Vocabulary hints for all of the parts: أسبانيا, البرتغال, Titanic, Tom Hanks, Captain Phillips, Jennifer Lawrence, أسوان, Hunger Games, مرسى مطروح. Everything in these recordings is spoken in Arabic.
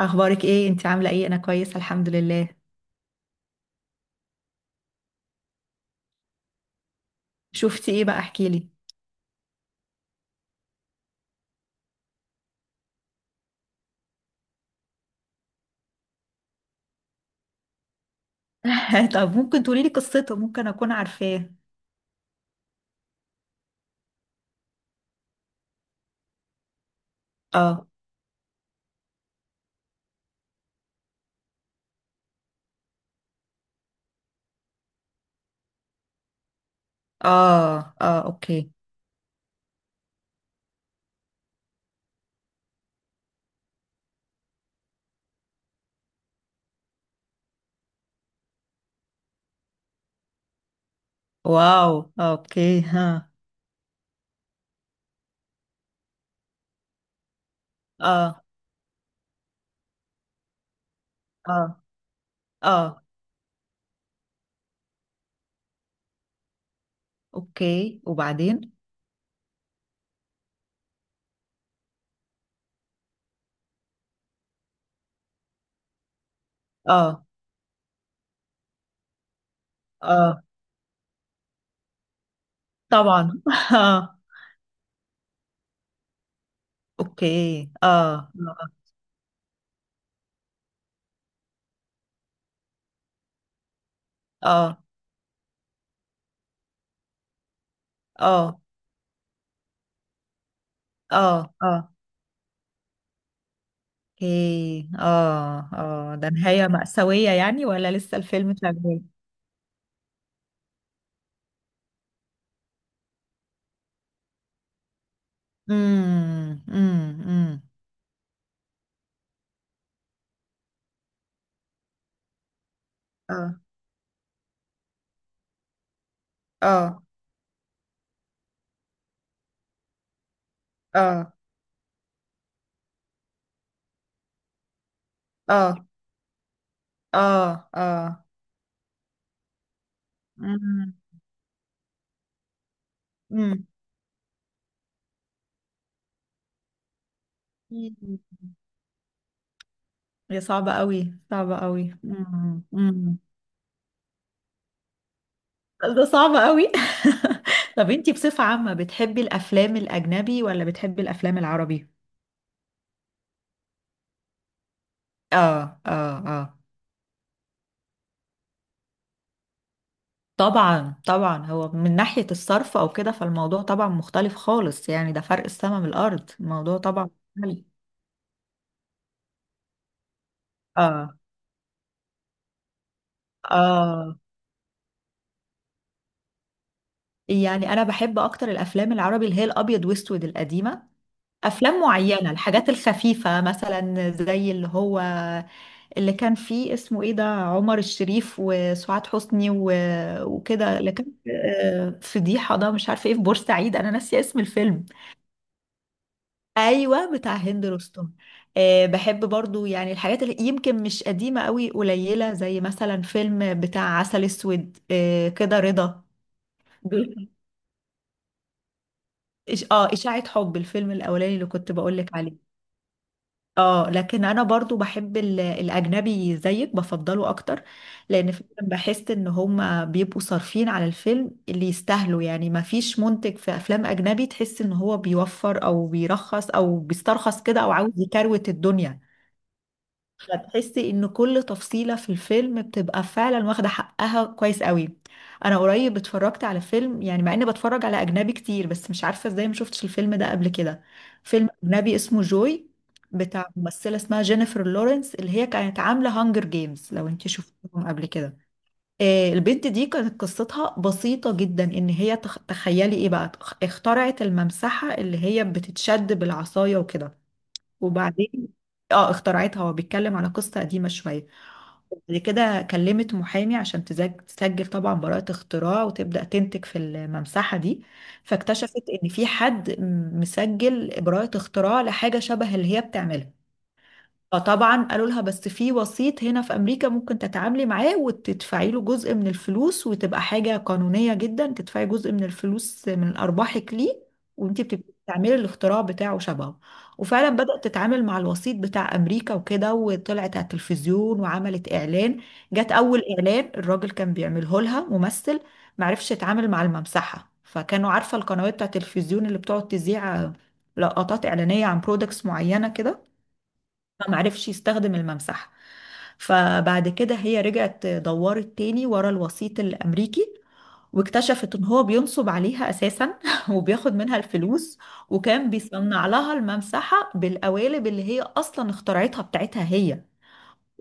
اخبارك ايه؟ انت عامله ايه؟ انا كويسه، الحمد لله. شفتي ايه بقى؟ احكي لي. طب ممكن تقولي لي قصته؟ ممكن اكون عارفاه. اه، اه، اه، اوكي. واو، اوكي، ها. اه، اه، اه، اوكي، وبعدين؟ اه، اه، طبعا. اه. اوكي، اه اه، اه. اه، اه، اوكي، اه، اه، ده نهايه مأساويه يعني ولا لسه الفيلم شغال؟ امم، امم، امم. اه، اه، اه، اه، اه، اه. مم. مم. مم. يا صعبة قوي، صعبة قوي. مم. مم. ده صعبة قوي. طب انتي بصفة عامة بتحبي الأفلام الأجنبي ولا بتحبي الأفلام العربي؟ اه، اه، اه. طبعا، طبعا، هو من ناحية الصرف أو كده فالموضوع طبعا مختلف خالص، يعني ده فرق السما من الأرض، الموضوع طبعا مختلف. اه، اه. يعني أنا بحب أكتر الأفلام العربي اللي هي الأبيض وأسود القديمة، افلام معينه، الحاجات الخفيفه مثلا، زي اللي هو اللي كان فيه اسمه ايه ده، عمر الشريف وسعاد حسني و... وكده اللي كان... فضيحه ده مش عارفه ايه في بورسعيد، انا ناسيه اسم الفيلم. ايوه، بتاع هند رستم. أه، بحب برضو يعني الحاجات اللي يمكن مش قديمه قوي، قليله، زي مثلا فيلم بتاع عسل اسود، أه كده، رضا. دول- اشاعه حب، الفيلم الاولاني اللي كنت بقولك عليه. اه، لكن انا برضو بحب الاجنبي زيك، بفضله اكتر. لان فعلا بحس ان هما بيبقوا صارفين على الفيلم اللي يستاهلوا، يعني ما فيش منتج في افلام اجنبي تحس ان هو بيوفر او بيرخص او بيسترخص كده او عاوز يكروت الدنيا. فتحسي ان كل تفصيلة في الفيلم بتبقى فعلا واخدة حقها كويس قوي. انا قريب اتفرجت على فيلم، يعني مع اني بتفرج على اجنبي كتير، بس مش عارفة ازاي ما شفتش الفيلم ده قبل كده. فيلم اجنبي اسمه جوي، بتاع ممثلة اسمها جينيفر لورنس، اللي هي كانت عاملة هانجر جيمز لو انت شفتهم قبل كده. البنت دي كانت قصتها بسيطة جدا، ان هي تخيلي ايه بقى، اخترعت الممسحة اللي هي بتتشد بالعصاية وكده. وبعدين، اه، اخترعتها. هو بيتكلم على قصة قديمة شوية. بعد كده كلمت محامي عشان تسجل طبعا براءة اختراع وتبدأ تنتج في الممسحة دي. فاكتشفت ان في حد مسجل براءة اختراع لحاجة شبه اللي هي بتعملها. فطبعا قالوا لها بس في وسيط هنا في امريكا ممكن تتعاملي معاه وتدفعي له جزء من الفلوس، وتبقى حاجه قانونيه جدا تدفعي جزء من الفلوس من ارباحك ليه، وانت بتبقي بتعملي الاختراع بتاعه شبهه. وفعلا بدأت تتعامل مع الوسيط بتاع امريكا وكده، وطلعت على التلفزيون وعملت اعلان. جت اول اعلان الراجل كان بيعمله لها ممثل معرفش يتعامل مع الممسحه. فكانوا عارفه القنوات بتاع التلفزيون اللي بتقعد تذيع لقطات اعلانيه عن برودكتس معينه كده، ما معرفش يستخدم الممسحة. فبعد كده هي رجعت دورت تاني ورا الوسيط الأمريكي، واكتشفت ان هو بينصب عليها اساسا وبياخد منها الفلوس. وكان بيصنع لها الممسحة بالقوالب اللي هي اصلا اخترعتها بتاعتها هي.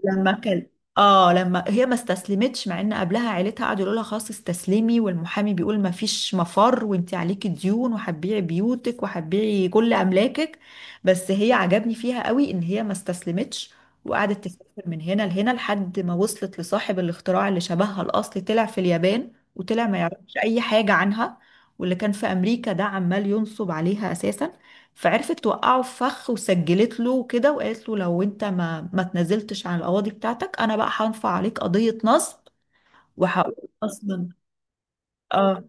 لما كان اه لما هي ما استسلمتش، مع ان قبلها عيلتها قعدوا يقولوا لها خلاص استسلمي، والمحامي بيقول ما فيش مفر وانت عليكي ديون وهتبيعي بيوتك وهتبيعي كل املاكك، بس هي عجبني فيها قوي ان هي ما استسلمتش. وقعدت تسافر من هنا لهنا لحد ما وصلت لصاحب الاختراع اللي شبهها الاصلي، طلع في اليابان وطلع ما يعرفش اي حاجة عنها. واللي كان في امريكا ده عمال ينصب عليها اساسا. فعرفت توقعه في فخ وسجلت له كده، وقالت له لو انت ما تنازلتش عن القواضي بتاعتك انا بقى هنفع عليك قضية نصب، وهقول اصلا. اه،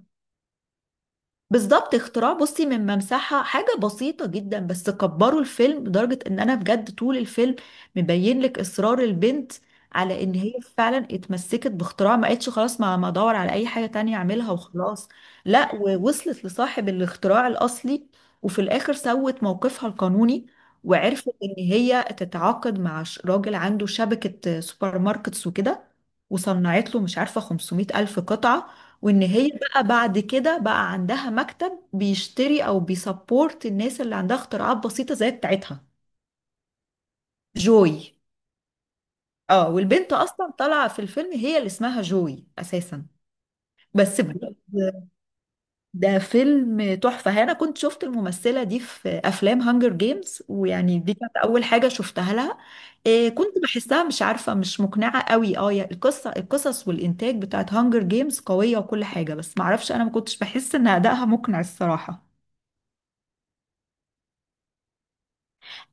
بالظبط، اختراع بصي من ممسحة حاجة بسيطة جدا، بس كبروا الفيلم لدرجة ان انا بجد طول الفيلم مبين لك اصرار البنت على ان هي فعلا اتمسكت باختراع، ما قالتش خلاص ما ادور على اي حاجة تانية اعملها وخلاص. لا، ووصلت لصاحب الاختراع الاصلي، وفي الاخر سوت موقفها القانوني، وعرفت ان هي تتعاقد مع راجل عنده شبكة سوبر ماركتس وكده، وصنعت له مش عارفة 500 ألف قطعة. وان هي بقى بعد كده بقى عندها مكتب بيشتري او بيسبورت الناس اللي عندها اختراعات بسيطة زي بتاعتها. جوي. اه، والبنت اصلا طالعة في الفيلم، هي اللي اسمها جوي اساسا. بس بجد ده فيلم تحفة. انا كنت شفت الممثلة دي في افلام هانجر جيمز، ويعني دي كانت اول حاجة شفتها لها. إيه، كنت بحسها مش عارفة، مش مقنعة قوي. اه، القصص والانتاج بتاعت هانجر جيمز قوية وكل حاجة، بس معرفش انا ما كنتش بحس ان ادائها مقنع الصراحة.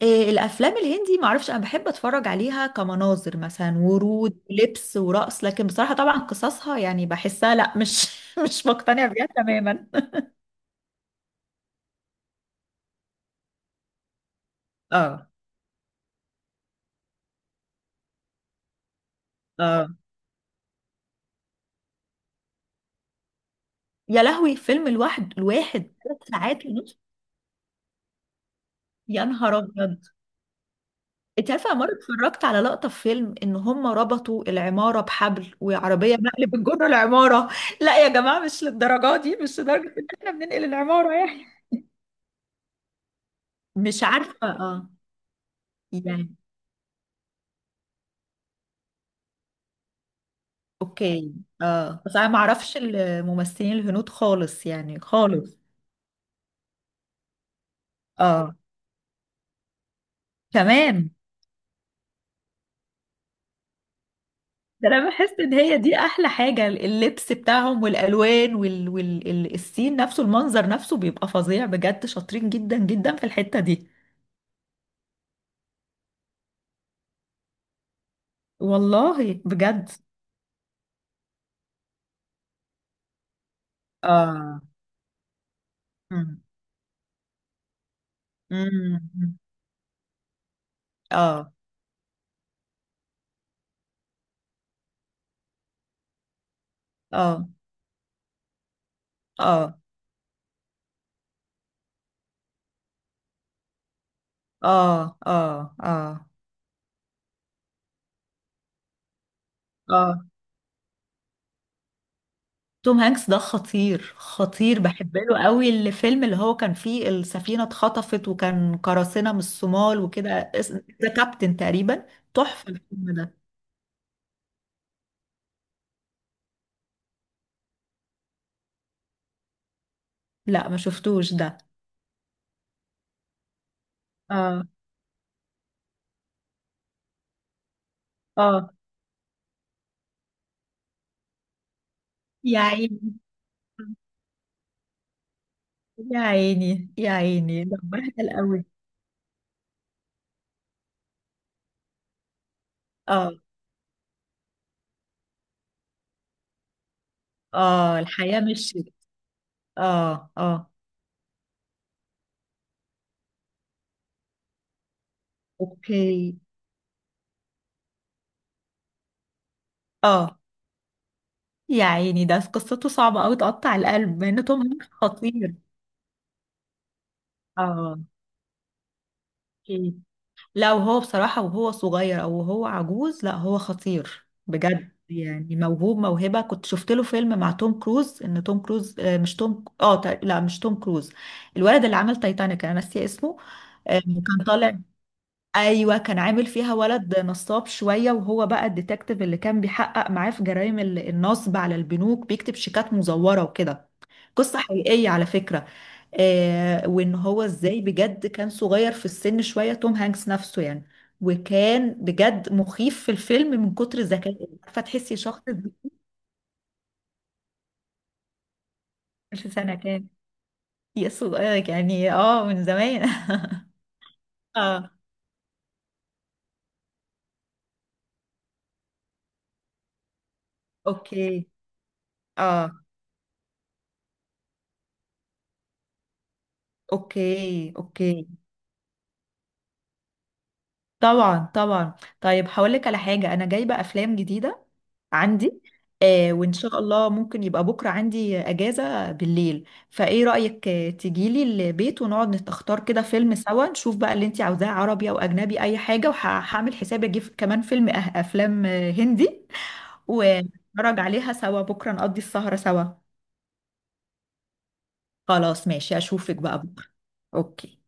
إيه الافلام الهندي، معرفش، انا بحب اتفرج عليها كمناظر مثلا، ورود ولبس ورقص، لكن بصراحه طبعا قصصها يعني بحسها لا، مش مش مقتنع بيها تماما. اه، اه. يا لهوي، فيلم الواحد 3 ساعات ونص؟ يا نهار ابيض. انت عارفه مره اتفرجت على لقطه في فيلم ان هم ربطوا العماره بحبل وعربيه نقل بتجر العماره. لا يا جماعه مش للدرجه دي، مش لدرجه ان احنا بننقل العماره يعني. مش عارفه، اه. يعني، اوكي. اه، بس انا ما اعرفش الممثلين الهنود خالص، يعني خالص. اه، كمان. ده انا بحس ان هي دي احلى حاجة، اللبس بتاعهم والالوان وال... وال... ال- السين نفسه، المنظر نفسه بيبقى فظيع بجد، شاطرين جدا جدا في الحتة دي. والله بجد. اه. امم. امم. أمم. اه، اه، اه، اه، اه، اه. آه. توم هانكس ده خطير، خطير، بحب له قوي. الفيلم اللي هو كان فيه السفينة اتخطفت وكان قراصنة من الصومال وكده، ذا كابتن تقريبا. تحفة الفيلم ده. لا ما شفتوش ده. اه، اه. يا عيني، يا عيني. يا عيني، ده بهدل قوي. اه، اه، الحياة مشيت. اه، اه، اوكي. اه، يا عيني، ده قصته صعبة قوي، تقطع القلب، مع ان توم هانكس خطير. اه، اوكي. لا وهو بصراحة، وهو صغير أو وهو عجوز، لا هو خطير بجد، يعني موهوب موهبة. كنت شفت له فيلم مع توم كروز، إن توم كروز مش توم، لا مش توم كروز، الولد اللي عمل تايتانيك، أنا ناسية اسمه. كان طالع. أيوة، كان عامل فيها ولد نصاب شوية، وهو بقى الديتكتيف اللي كان بيحقق معاه في جرائم النصب على البنوك، بيكتب شيكات مزورة وكده. قصة حقيقية على فكرة. آه، وان هو ازاي بجد، كان صغير في السن شوية توم هانكس نفسه يعني، وكان بجد مخيف في الفيلم من كتر ذكائه، عارفة تحسي شخص. في سنة كام؟ يا صغير، يعني اه، من زمان. اه، اوكي. اه، اوكي، اوكي. طبعا، طبعا. طيب هقول لك على حاجة، انا جايبة افلام جديدة عندي، آه، وإن شاء الله ممكن يبقى بكرة عندي أجازة بالليل. فإيه رأيك، تجيلي البيت ونقعد نختار كده فيلم سوا، نشوف بقى اللي أنت عاوزاه عربي أو أجنبي أي حاجة، وهعمل حسابي أجيب كمان فيلم، أه، أفلام هندي، ونتفرج عليها سوا بكرة، نقضي السهرة سوا. خلاص ماشي، أشوفك بقى بكرة. أوكي.